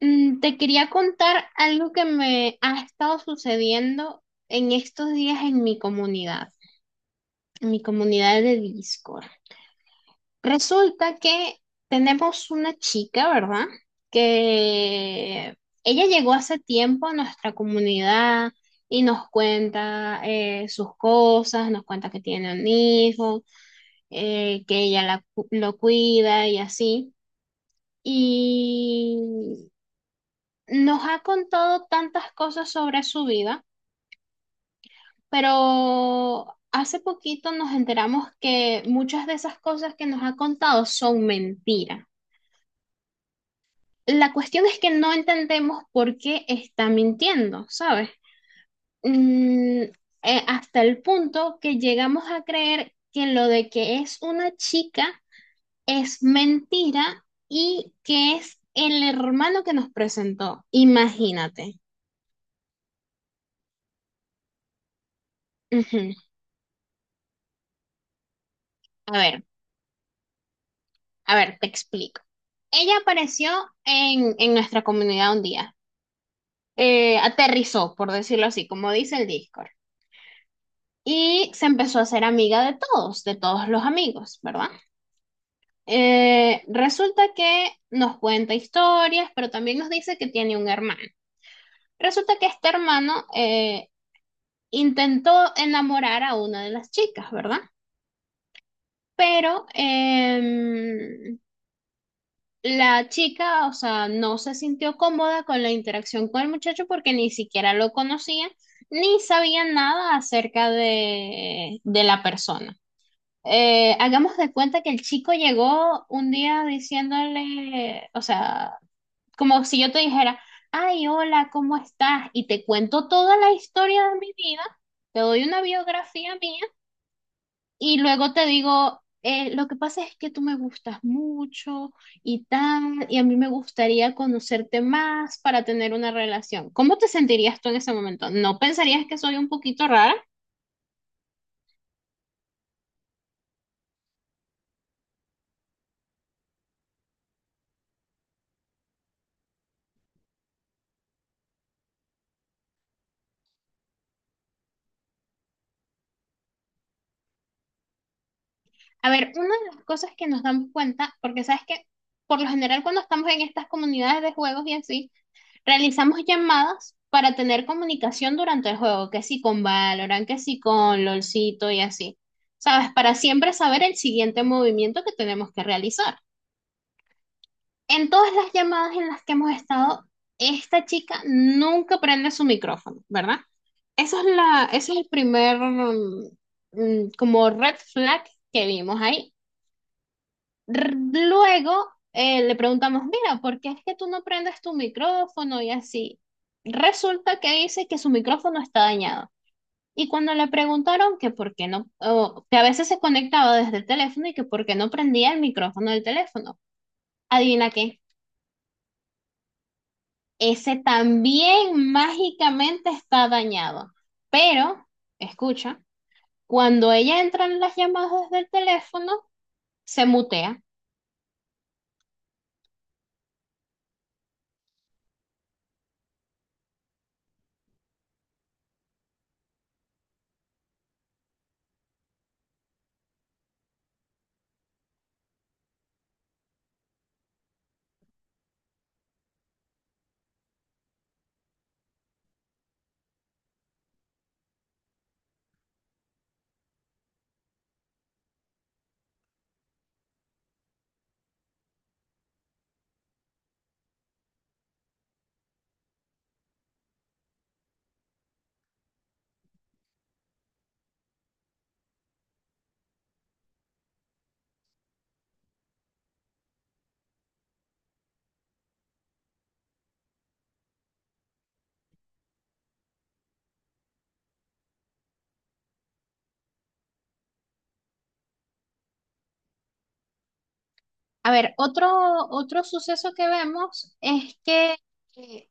Te quería contar algo que me ha estado sucediendo en estos días en mi comunidad de Discord. Resulta que tenemos una chica, ¿verdad? Que ella llegó hace tiempo a nuestra comunidad y nos cuenta sus cosas, nos cuenta que tiene un hijo, que ella lo cuida y así. Y nos ha contado tantas cosas sobre su vida, pero hace poquito nos enteramos que muchas de esas cosas que nos ha contado son mentiras. La cuestión es que no entendemos por qué está mintiendo, ¿sabes? Hasta el punto que llegamos a creer que lo de que es una chica es mentira y que es el hermano que nos presentó. Imagínate. Ujú. A ver. A ver, te explico. Ella apareció en nuestra comunidad un día. Aterrizó, por decirlo así, como dice el Discord. Y se empezó a hacer amiga de todos los amigos, ¿verdad? Resulta que nos cuenta historias, pero también nos dice que tiene un hermano. Resulta que este hermano intentó enamorar a una de las chicas, ¿verdad? Pero la chica, o sea, no se sintió cómoda con la interacción con el muchacho porque ni siquiera lo conocía ni sabía nada acerca de la persona. Hagamos de cuenta que el chico llegó un día diciéndole, o sea, como si yo te dijera, ay, hola, ¿cómo estás? Y te cuento toda la historia de mi vida, te doy una biografía mía y luego te digo, lo que pasa es que tú me gustas mucho y tal, y a mí me gustaría conocerte más para tener una relación. ¿Cómo te sentirías tú en ese momento? ¿No pensarías que soy un poquito rara? A ver, una de las cosas que nos damos cuenta, porque sabes que por lo general cuando estamos en estas comunidades de juegos y así, realizamos llamadas para tener comunicación durante el juego, que sí con Valorant, que sí con LOLcito y así. ¿Sabes? Para siempre saber el siguiente movimiento que tenemos que realizar. En todas las llamadas en las que hemos estado, esta chica nunca prende su micrófono, ¿verdad? Ese es el primer como red flag que vimos ahí. Luego le preguntamos, mira, ¿por qué es que tú no prendes tu micrófono y así? Resulta que dice que su micrófono está dañado. Y cuando le preguntaron que por qué no, o que a veces se conectaba desde el teléfono y que por qué no prendía el micrófono del teléfono, adivina qué. Ese también mágicamente está dañado. Pero, escucha, cuando ella entra en las llamadas del teléfono, se mutea. A ver, otro suceso que vemos es que, eh,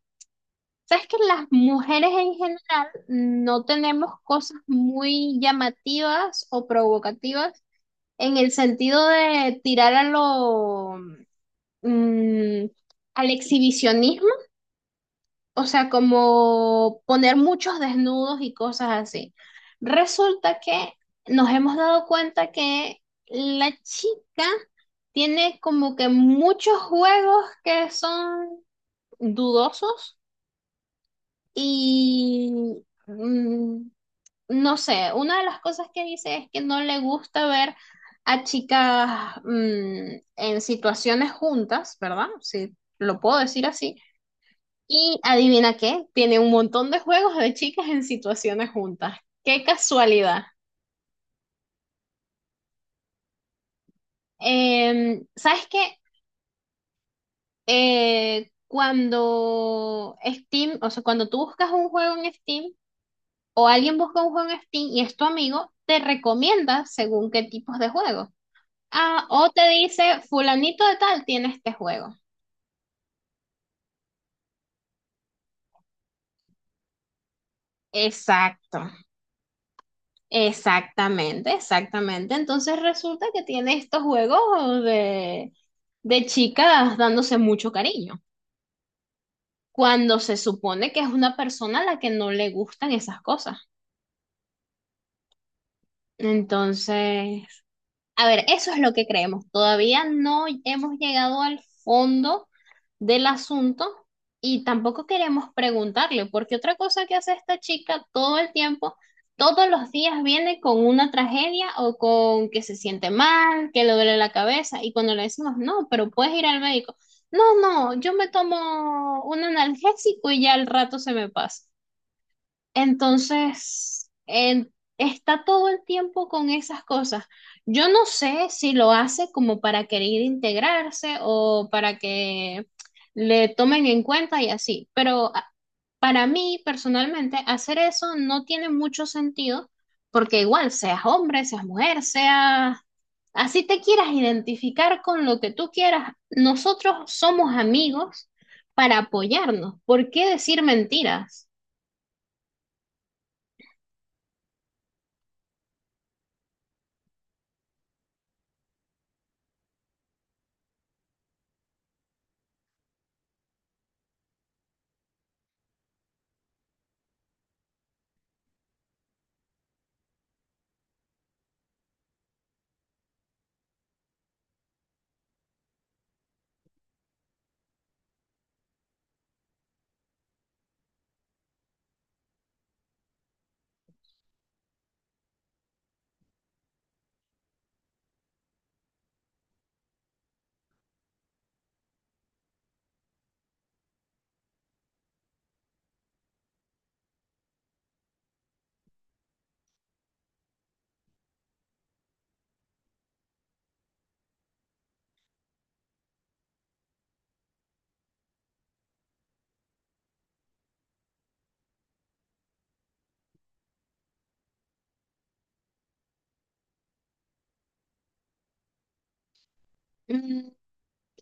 ¿sabes que las mujeres en general no tenemos cosas muy llamativas o provocativas en el sentido de tirar a mm, al exhibicionismo? O sea, como poner muchos desnudos y cosas así. Resulta que nos hemos dado cuenta que la chica tiene como que muchos juegos que son dudosos y mm, no sé, una de las cosas que dice es que no le gusta ver a chicas en situaciones juntas, ¿verdad? Si lo puedo decir así, y adivina qué, tiene un montón de juegos de chicas en situaciones juntas. ¡Qué casualidad! ¿Sabes qué? Cuando Steam, o sea, cuando tú buscas un juego en Steam o alguien busca un juego en Steam y es tu amigo, te recomienda según qué tipos de juegos. Ah, o te dice, fulanito de tal tiene este juego. Exacto. Exactamente, exactamente. Entonces resulta que tiene estos juegos de chicas dándose mucho cariño, cuando se supone que es una persona a la que no le gustan esas cosas. Entonces, a ver, eso es lo que creemos. Todavía no hemos llegado al fondo del asunto y tampoco queremos preguntarle, porque otra cosa que hace esta chica todo el tiempo, todos los días viene con una tragedia o con que se siente mal, que le duele la cabeza y cuando le decimos, no, pero puedes ir al médico. No, no, yo me tomo un analgésico y ya al rato se me pasa. Entonces, está todo el tiempo con esas cosas. Yo no sé si lo hace como para querer integrarse o para que le tomen en cuenta y así, pero para mí personalmente hacer eso no tiene mucho sentido porque igual seas hombre, seas mujer, seas... Así te quieras identificar con lo que tú quieras, nosotros somos amigos para apoyarnos. ¿Por qué decir mentiras?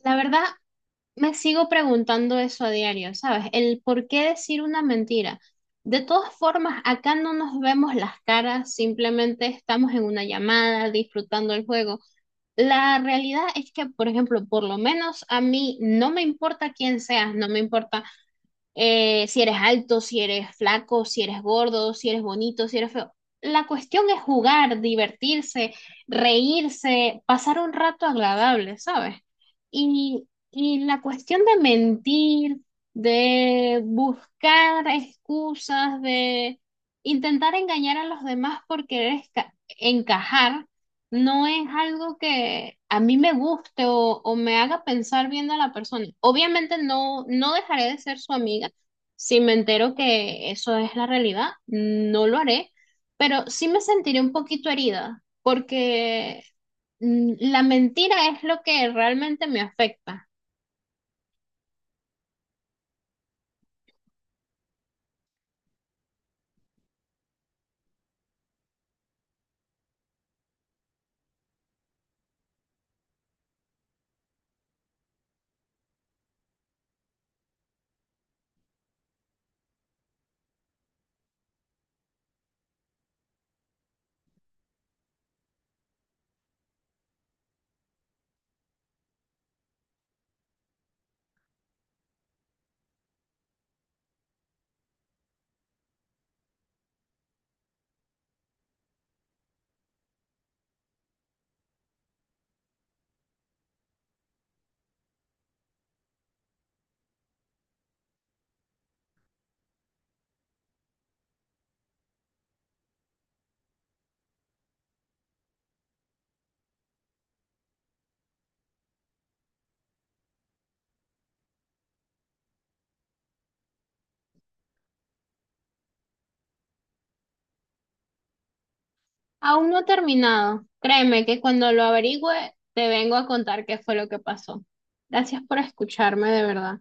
La verdad, me sigo preguntando eso a diario, ¿sabes? El por qué decir una mentira. De todas formas, acá no nos vemos las caras, simplemente estamos en una llamada, disfrutando el juego. La realidad es que, por ejemplo, por lo menos a mí no me importa quién seas, no me importa si eres alto, si eres flaco, si eres gordo, si eres bonito, si eres feo. La cuestión es jugar, divertirse, reírse, pasar un rato agradable, ¿sabes? Y la cuestión de mentir, de buscar excusas, de intentar engañar a los demás por querer encajar, no es algo que a mí me guste o me haga pensar bien de la persona. Obviamente no, no dejaré de ser su amiga si me entero que eso es la realidad, no lo haré, pero sí me sentiré un poquito herida porque la mentira es lo que realmente me afecta. Aún no he terminado. Créeme que cuando lo averigüe te vengo a contar qué fue lo que pasó. Gracias por escucharme, de verdad.